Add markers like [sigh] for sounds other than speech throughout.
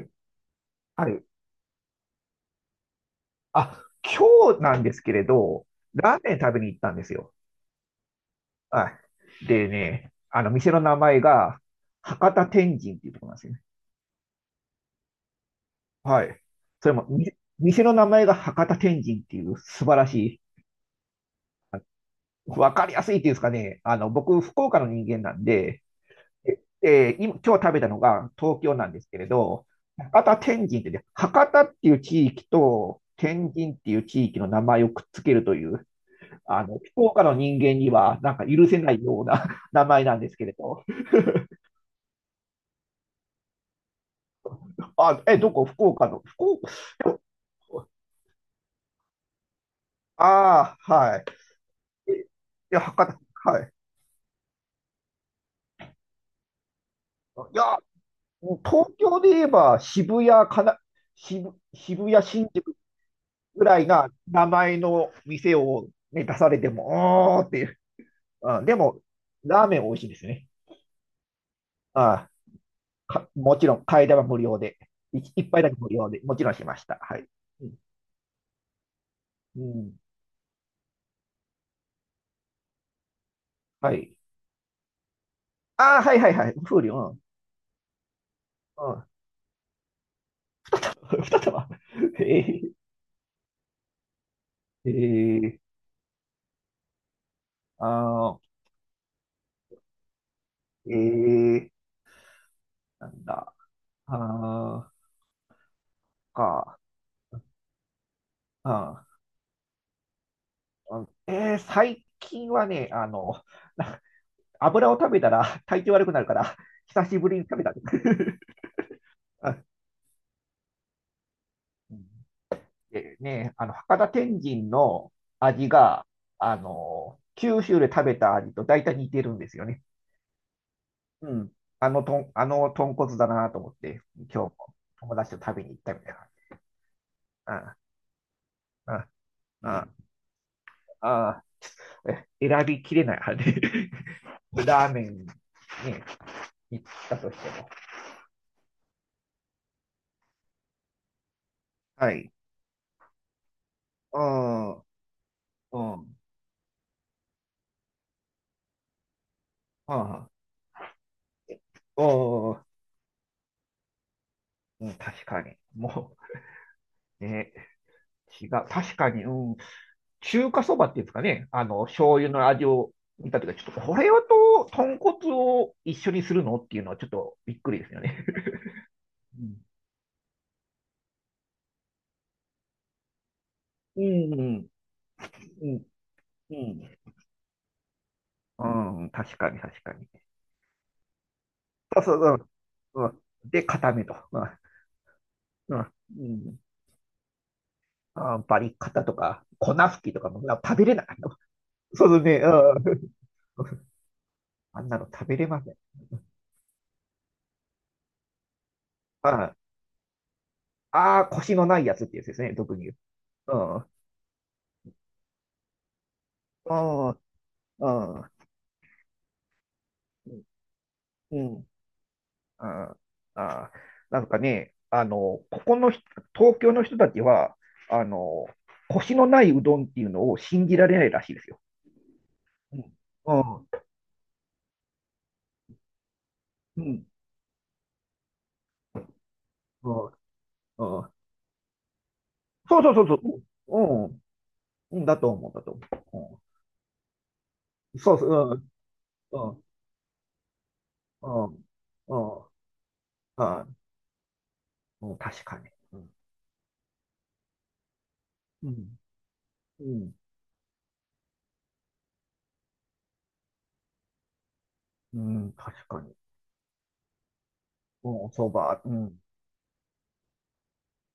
はい。ある。あ、今日なんですけれど、ラーメン食べに行ったんですよ。はい。でね、店の名前が、博多天神っていうところなんですよね。はい。それも、店の名前が博多天神っていう素晴らしい、あ、わかりやすいっていうんですかね。僕、福岡の人間なんで、で今日食べたのが東京なんですけれど、博多天神ってね、博多っていう地域と天神っていう地域の名前をくっつけるという、福岡の人間には、なんか許せないような [laughs] 名前なんですけれど。あ、え、どこ福岡の、福岡、ああ、はい。えいや、博多、はい。いや、もう東京で言えば渋谷かな、渋谷新宿ぐらいな名前の店を、ね、出されても、おーっていう。うん、でも、ラーメン美味しいですね。ああ、もちろん、替え玉無料で。一杯だけ無料で、もちろんしました。はい。うん。うん。はい。ああ、はいはいはい。風流、うん。うん。[laughs] 二玉。[laughs] えー、えー、あー、えー、なんだ。あー、あー、うん、最近はね、油を食べたら [laughs] 体調悪くなるから、[laughs] 久しぶりに食べた。[laughs] あ、うん、でね、博多天神の味が、九州で食べた味と大体似てるんですよね。うん。あの、とん、あの豚骨だなと思って、今日も友達と食べに行ったみたいな。ああ、ああ、ああ、選びきれない、あれ [laughs]。ラーメンに行ったとしても。はい。ああ、うん、ああ、おー、うん、確かに。もう、ね、違う。確かに、うん。中華そばっていうんですかね。醤油の味を見たときは、ちょっとこれはと、豚骨を一緒にするのっていうのはちょっとびっくりですよね。うん、うん、うん、うん、うん、確かに、確かに。そうそう、うん。うん、で、固めと。うん。うん。うん、あー、バリカタとか、粉吹きとかもな食べれない。そうですね。うん。[laughs] あんなの食べれません。ああー、腰のないやつってやつですね、特に。うん。うん。うん。ああ、うん。ああ、あー、なんかね、あの、ここの人東京の人たちは、あの、腰のないうどんっていうのを信じられないらしいですよ。うん。うん。うん。うん。うん、そうそうそうそう。うん。うん、だと思う、だと思う。うん、そうそう、うん、うん、うん、うん、あ、うん、確かに。うん、うん、うん、うん、確かに。うん、そば、うん。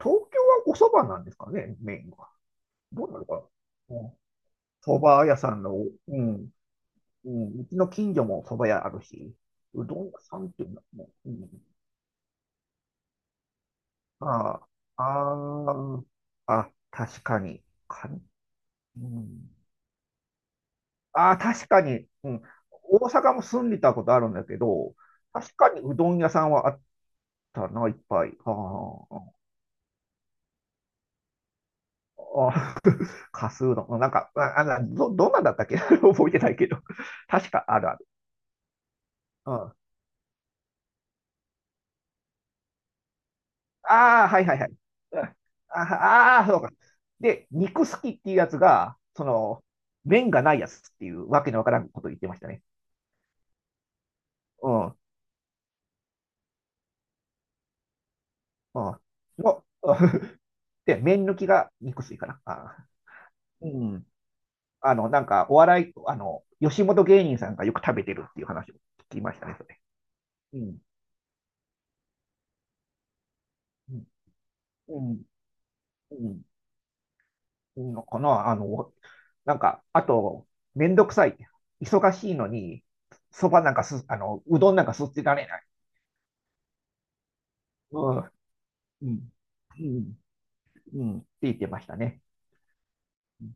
東京はおそばなんですかね、メインは。どうなのかな。うん、そば屋さんの、うん、うん、うちの近所もそば屋あるし、うどん屋さんっていうのも、うん、ああ、ああ、あ、確かに。うん、ああ、確かに、うん。大阪も住んでたことあるんだけど、確かにうどん屋さんはあったな、いっぱい。あー、あー、[laughs] かすうどん。なんか、あ、あなど、どんなんだったっけ [laughs] 覚えてないけど。確かあるある。うん。ああ、はいはいはい。うん、ああ、ーそうか。で、肉好きっていうやつが、その、麺がないやつっていうわけのわからんこと言ってましたね。うん。うん。うん [laughs] で、麺抜きが肉吸いかな。あー、うん。なんか、お笑い、吉本芸人さんがよく食べてるっていう話を聞きましたね、それ。うん。うん。うん。うん、のかな、なんか、あと、めんどくさい。忙しいのに、そばなんかす、あの、うどんなんかすってられない。うん。うん。うん。うん。って言ってましたね。うん。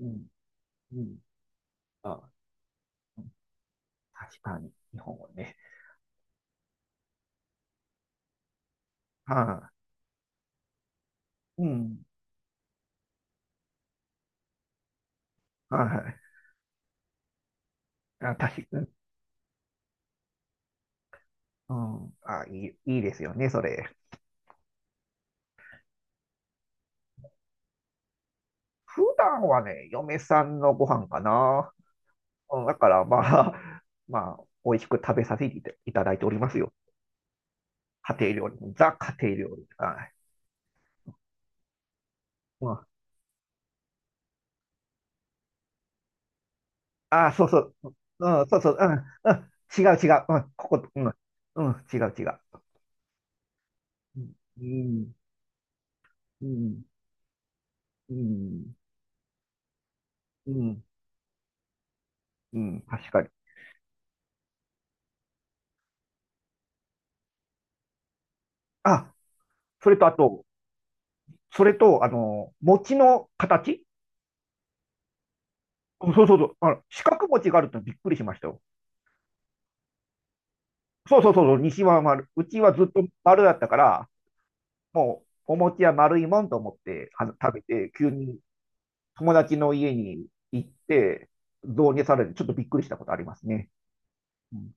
うん。うん。あ、確かに、日本語ね。はあ、うん。はい、あ、確かに。うん。あ、いい、いいですよね、それ。普段はね、嫁さんのご飯かな。うん、だからまあ、[laughs] まあ、美味しく食べさせていただいておりますよ。家庭料理。ザ家庭料理。はい。うん、ああ、そうそう。うん、そうそう。うん、うん、違う違う。うん、ここ、うん、うん、違う違う。うん、うん、うん、うん、うん、確かに。あ、それとあと、それと、餅の形、うん、そうそうそう。四角餅があるってびっくりしましたよ。そうそうそうそう、西は丸。うちはずっと丸だったから、もうお餅は丸いもんと思っては食べて、急に友達の家に行って、導入されて、ちょっとびっくりしたことありますね。うん。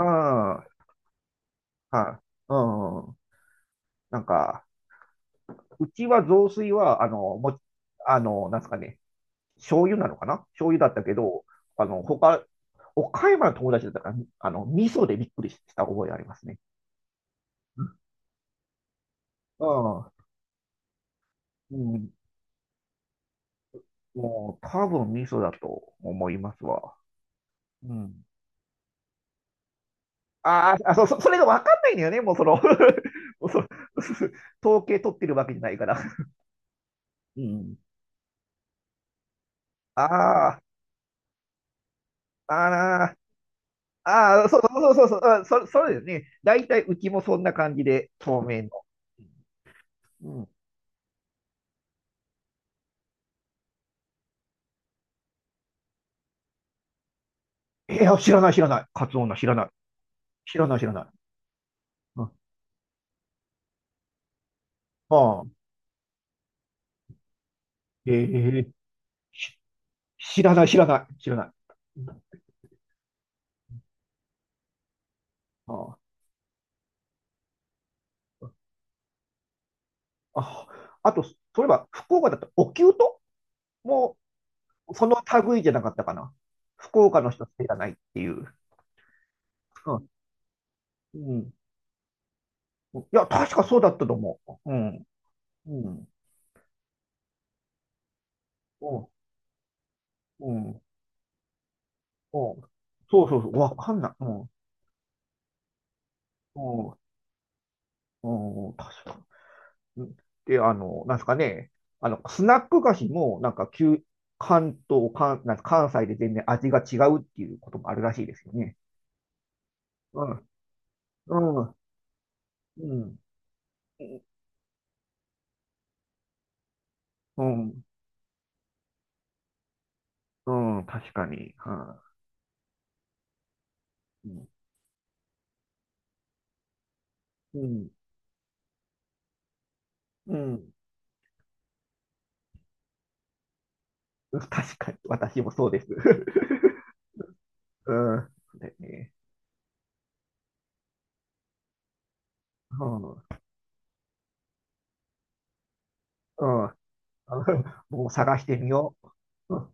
ああ、はい。うん。なんか、うちは雑炊は、あの、も、あの、なんすかね、醤油なのかな、醤油だったけど、あの、他、岡山の友達だったから、味噌でびっくりした覚えありますね。うん。うん。もう多分ミソだと思いますわ。うん。あーあ、それがわかんないんだよね、もうその [laughs] もうそ、[laughs] 統計取ってるわけじゃないから。うん。ああ、あー、あー、そうそうそうそう、それですね。大体うちもそんな感じで、透明の。うん。いや、知らない、知らない。カツオ女、知らない。知らない、知らない。うん。ああ、ええ、知らない、知らない、知らない。うん、ああ、あ、あと、そういえば、福岡だったら、お灸とも、その類じゃなかったかな。福岡の人知らないっていう。うん。うん。いや、確かそうだったと思う。うん。うん。うん。うん。うん。そうそうそう。わかんない。うん。うん。うん。確かに。うん。で、なんですかね。スナック菓子も、なんか、関東、関、なんか関西で全然味が違うっていうこともあるらしいですよね。うん。うん。うん。うん。うん。うん、確かに。はい、うん。うん。うん。[laughs] 確かに、私もそうです。[laughs] うん。でね。うん。うん。[laughs] もう探してみよう。うん。